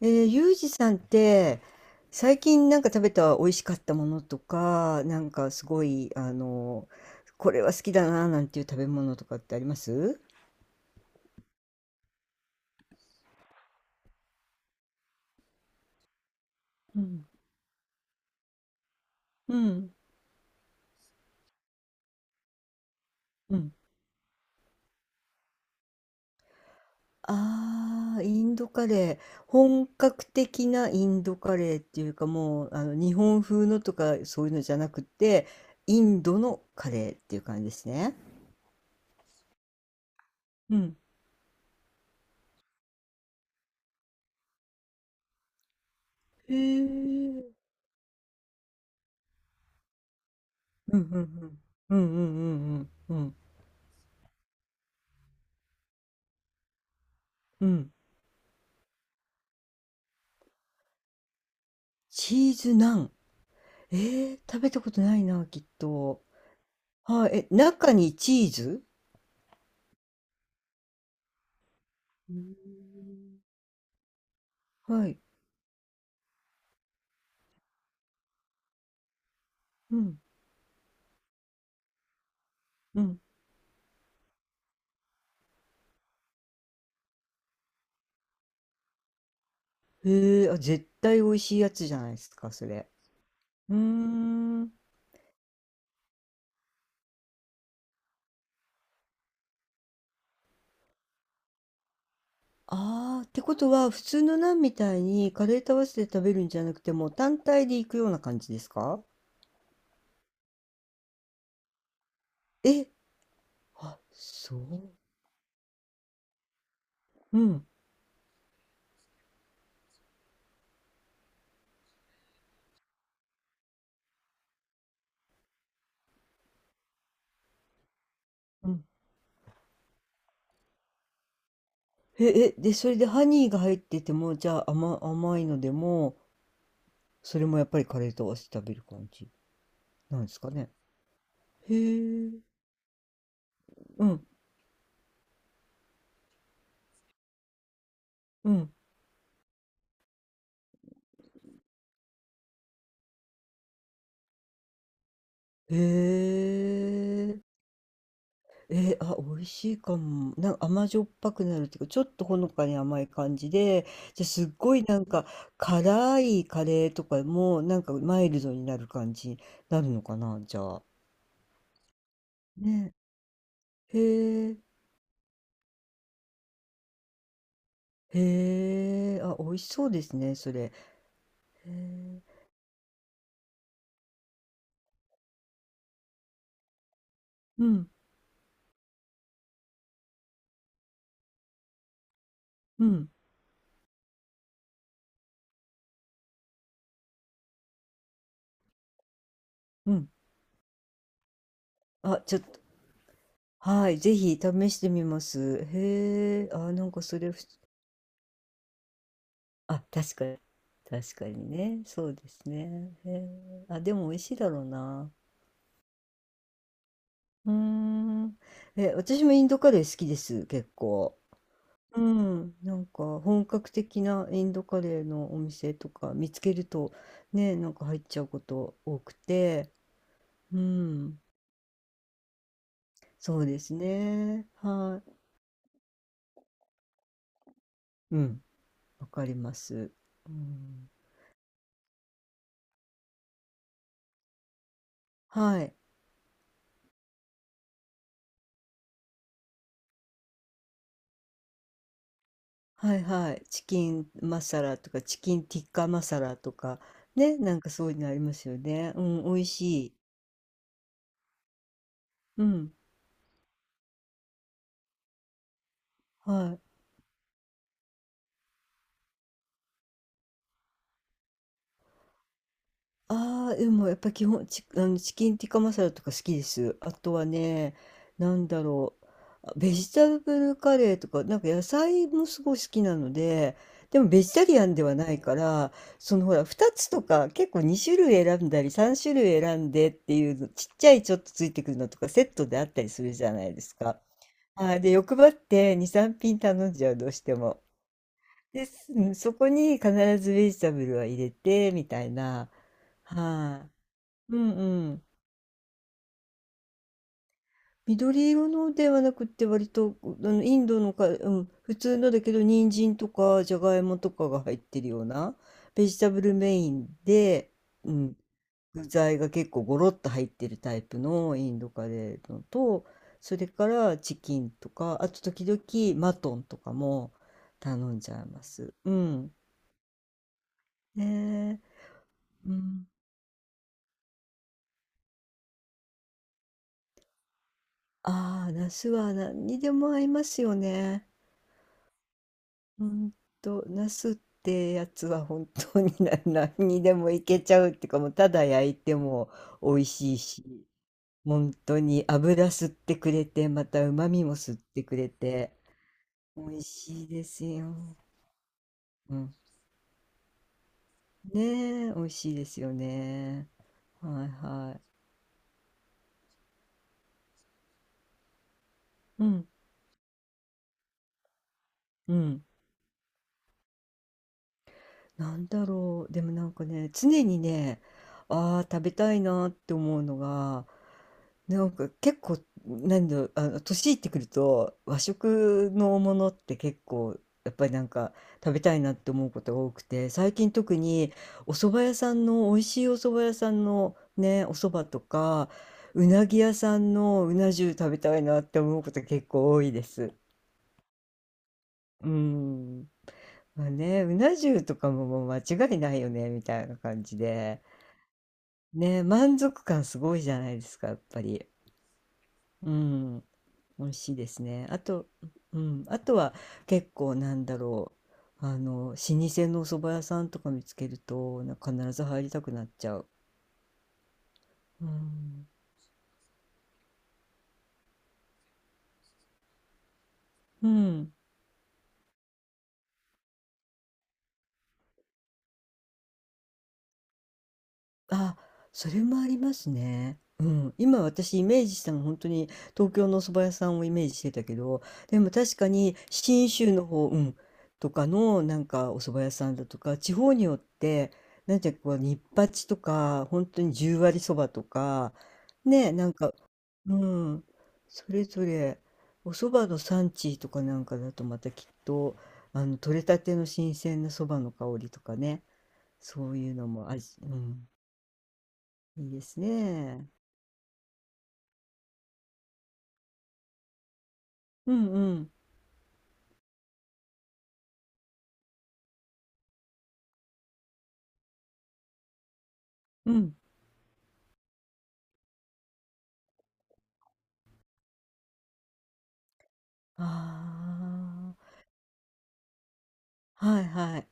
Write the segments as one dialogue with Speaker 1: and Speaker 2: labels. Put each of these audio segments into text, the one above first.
Speaker 1: ゆうじさんって最近なんか食べた美味しかったものとか、なんかすごいこれは好きだななんていう食べ物とかってあります？うん。うんうん。ああー、インドカレー。本格的なインドカレーっていうか、もう日本風のとかそういうのじゃなくて、インドのカレーっていう感じですね。うん。へえ。うん。うん。うん。うん。うん。うん。うん。うん。うん。チーズナン。食べたことないな、きっと。はい、え、中にチーズ。うーん。はい。うん。うん。へえ、あ、絶対美味しいやつじゃないですか、それ。うーん。ああ、ってことは、普通のナンみたいにカレーと合わせて食べるんじゃなくて、もう単体でいくような感じですか？え、あ、そう。うん。うん。え、え、で、それでハニーが入ってても、じゃあ甘いのでも、それもやっぱりカレーと合わせて食べる感じなんですかね。へえ。うん、うん。へえ、えー、あ、美味しいかも。なんか甘じょっぱくなるっていうか、ちょっとほのかに甘い感じで、じゃ、すっごいなんか辛いカレーとかも、なんかマイルドになる感じになるのかな、じゃあ。ね。へえ。へえ、あ、美味しそうですね、それ。へえ。うん、うん、うん。あ、ちょっと、はい、ぜひ試してみます。へえ、あ、なんかそれ。あ、確かに。確かにね。そうですね。へえ。あ、でも美味しいだろうな。うーん。え、私もインドカレー好きです、結構。うん。なんか本格的なインドカレーのお店とか見つけるとね、なんか入っちゃうこと多くて。うん。そうですね。はい。うん。わかります。うん。はい。はいはい。チキンマサラとか、チキンティッカマサラとか、ね、なんかそういうのありますよね。うん、美味しい。うん。はい。ああ、でもやっぱ基本、チ、あの、チキンティッカマサラとか好きです。あとはね、なんだろう。あ、ベジタブルカレーとか、なんか野菜もすごい好きなので、でもベジタリアンではないから、そのほら、2つとか結構2種類選んだり、3種類選んでっていうの、ちっちゃいちょっとついてくるのとかセットであったりするじゃないですか。はい、で、欲張って2、3品頼んじゃう、どうしても。です。うん、そこに必ずベジタブルは入れて、みたいな。はい。うんうん。緑色のではなくって、割と、あの、インドのか、うん、普通のだけど、人参とか、じゃがいもとかが入ってるような、ベジタブルメインで、うん、具材が結構ゴロッと入ってるタイプのインドカレーのと、それからチキンとか、あと時々マトンとかも頼んじゃいます。うん。ねえ。うん。ああ、ナスは何にでも合いますよね。うんと、ナスってやつは本当に何にでもいけちゃうっていうか、もうただ焼いても美味しいし、本当に油吸ってくれて、また旨味も吸ってくれて、美味しいですよ。うん。ねえ、美味しいですよね。はいはい。うん、うん。なんだろう、でもなんかね、常にね、ああ、食べたいなって思うのが、なんか結構、なんだろう、年いってくると、和食のものって結構、やっぱりなんか食べたいなって思うことが多くて、最近特にお蕎麦屋さんの、美味しいお蕎麦屋さんのね、お蕎麦とか、うなぎ屋さんのうな重食べたいなって思うこと結構多いです。うん。まあね、うな重とかももう間違いないよね、みたいな感じで。ね、満足感すごいじゃないですか、やっぱり。うん、美味しいですね。あと、うん、あとは結構なんだろう、老舗のお蕎麦屋さんとか見つけると、なんか必ず入りたくなっちゃう。うん、うん。あ、それもありますね。うん。今私イメージしたの本当に東京のお蕎麦屋さんをイメージしてたけど、でも確かに信州の方うん、とかのなんかお蕎麦屋さんだとか、地方によって、なんていうかこうニッパチとか、本当とに十割そばとか、ね、なんかうん、それぞれお蕎麦の産地とかなんかだとまたきっと、取れたての新鮮な蕎麦の香りとかね、そういうのもあるしうん。いいですね。うんうん。うん。ああ、はいはい。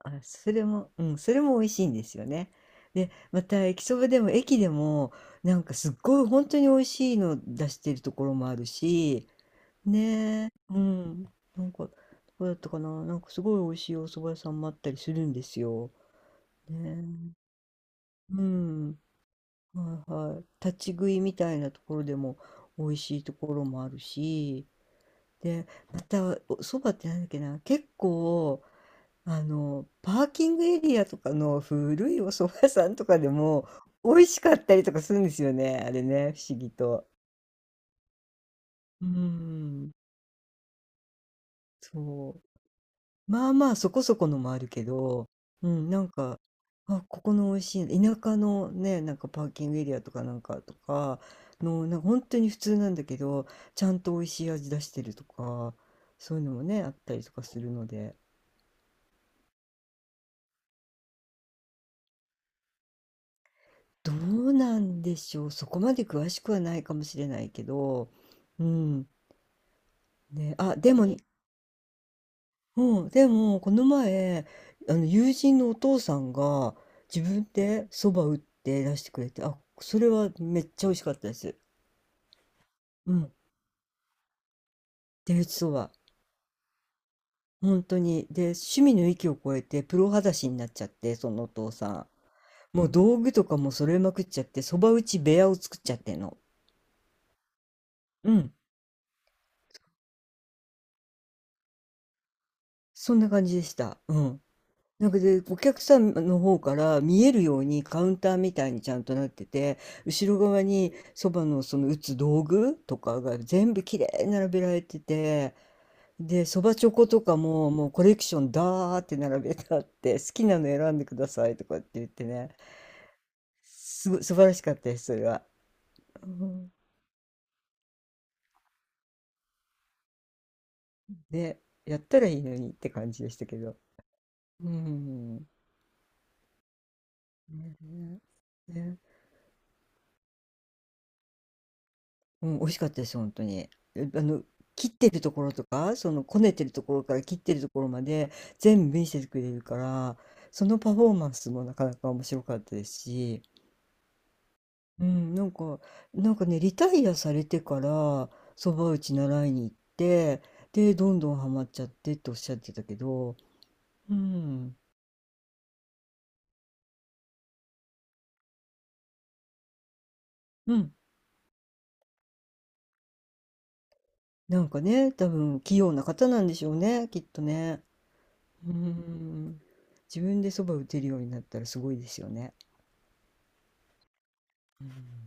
Speaker 1: あ、それも、うん、それも美味しいんですよね。で、また駅そばでも駅でも、なんかすっごい本当に美味しいの出してるところもあるし、ねえ、うん。なんか、どこだったかな、なんかすごい美味しいお蕎麦屋さんもあったりするんですよ。ねえ。うん。はいはい。立ち食いみたいなところでも美味しいところもあるし、で、またおそばってなんだっけな、結構パーキングエリアとかの古いお蕎麦屋さんとかでも美味しかったりとかするんですよね、あれね、不思議と。うん、そう。まあまあそこそこのもあるけど、うん、なんか、あ、ここの美味しい、田舎のね、なんかパーキングエリアとかなんかとかの、なんか本当に普通なんだけど、ちゃんと美味しい味出してるとか、そういうのもね、あったりとかするので。どうなんでしょう。そこまで詳しくはないかもしれないけど、うん。ね、あ、でも、うん、でも、この前、友人のお父さんが、自分で蕎麦打って出してくれて、あ、それはめっちゃ美味しかったです。うん。手打ち蕎麦。本当に。で、趣味の域を超えて、プロ裸足になっちゃって、そのお父さん。もう道具とかも揃えまくっちゃって、蕎麦打ち部屋を作っちゃってんの。うん。そんな感じでした。うん。なんかで、お客さんの方から見えるようにカウンターみたいにちゃんとなってて、後ろ側にそばのその打つ道具とかが全部きれいに並べられてて、で、そばチョコとかももうコレクションダーって並べてあって、好きなの選んでくださいとかって言ってね、すごい素晴らしかったです、それは。うん、で、やったらいいのにって感じでしたけど。うん。ね。ね。うん、美味しかったです、本当に。え、切ってるところとか、そのこねてるところから切ってるところまで全部見せてくれるから、そのパフォーマンスもなかなか面白かったですし、うん、なんかね、リタイアされてから、蕎麦打ち習いに行って、で、どんどんハマっちゃってっておっしゃってたけど、うん、うん、なんかね、多分器用な方なんでしょうね、きっとね。うん。自分で蕎麦打てるようになったらすごいですよね。うん。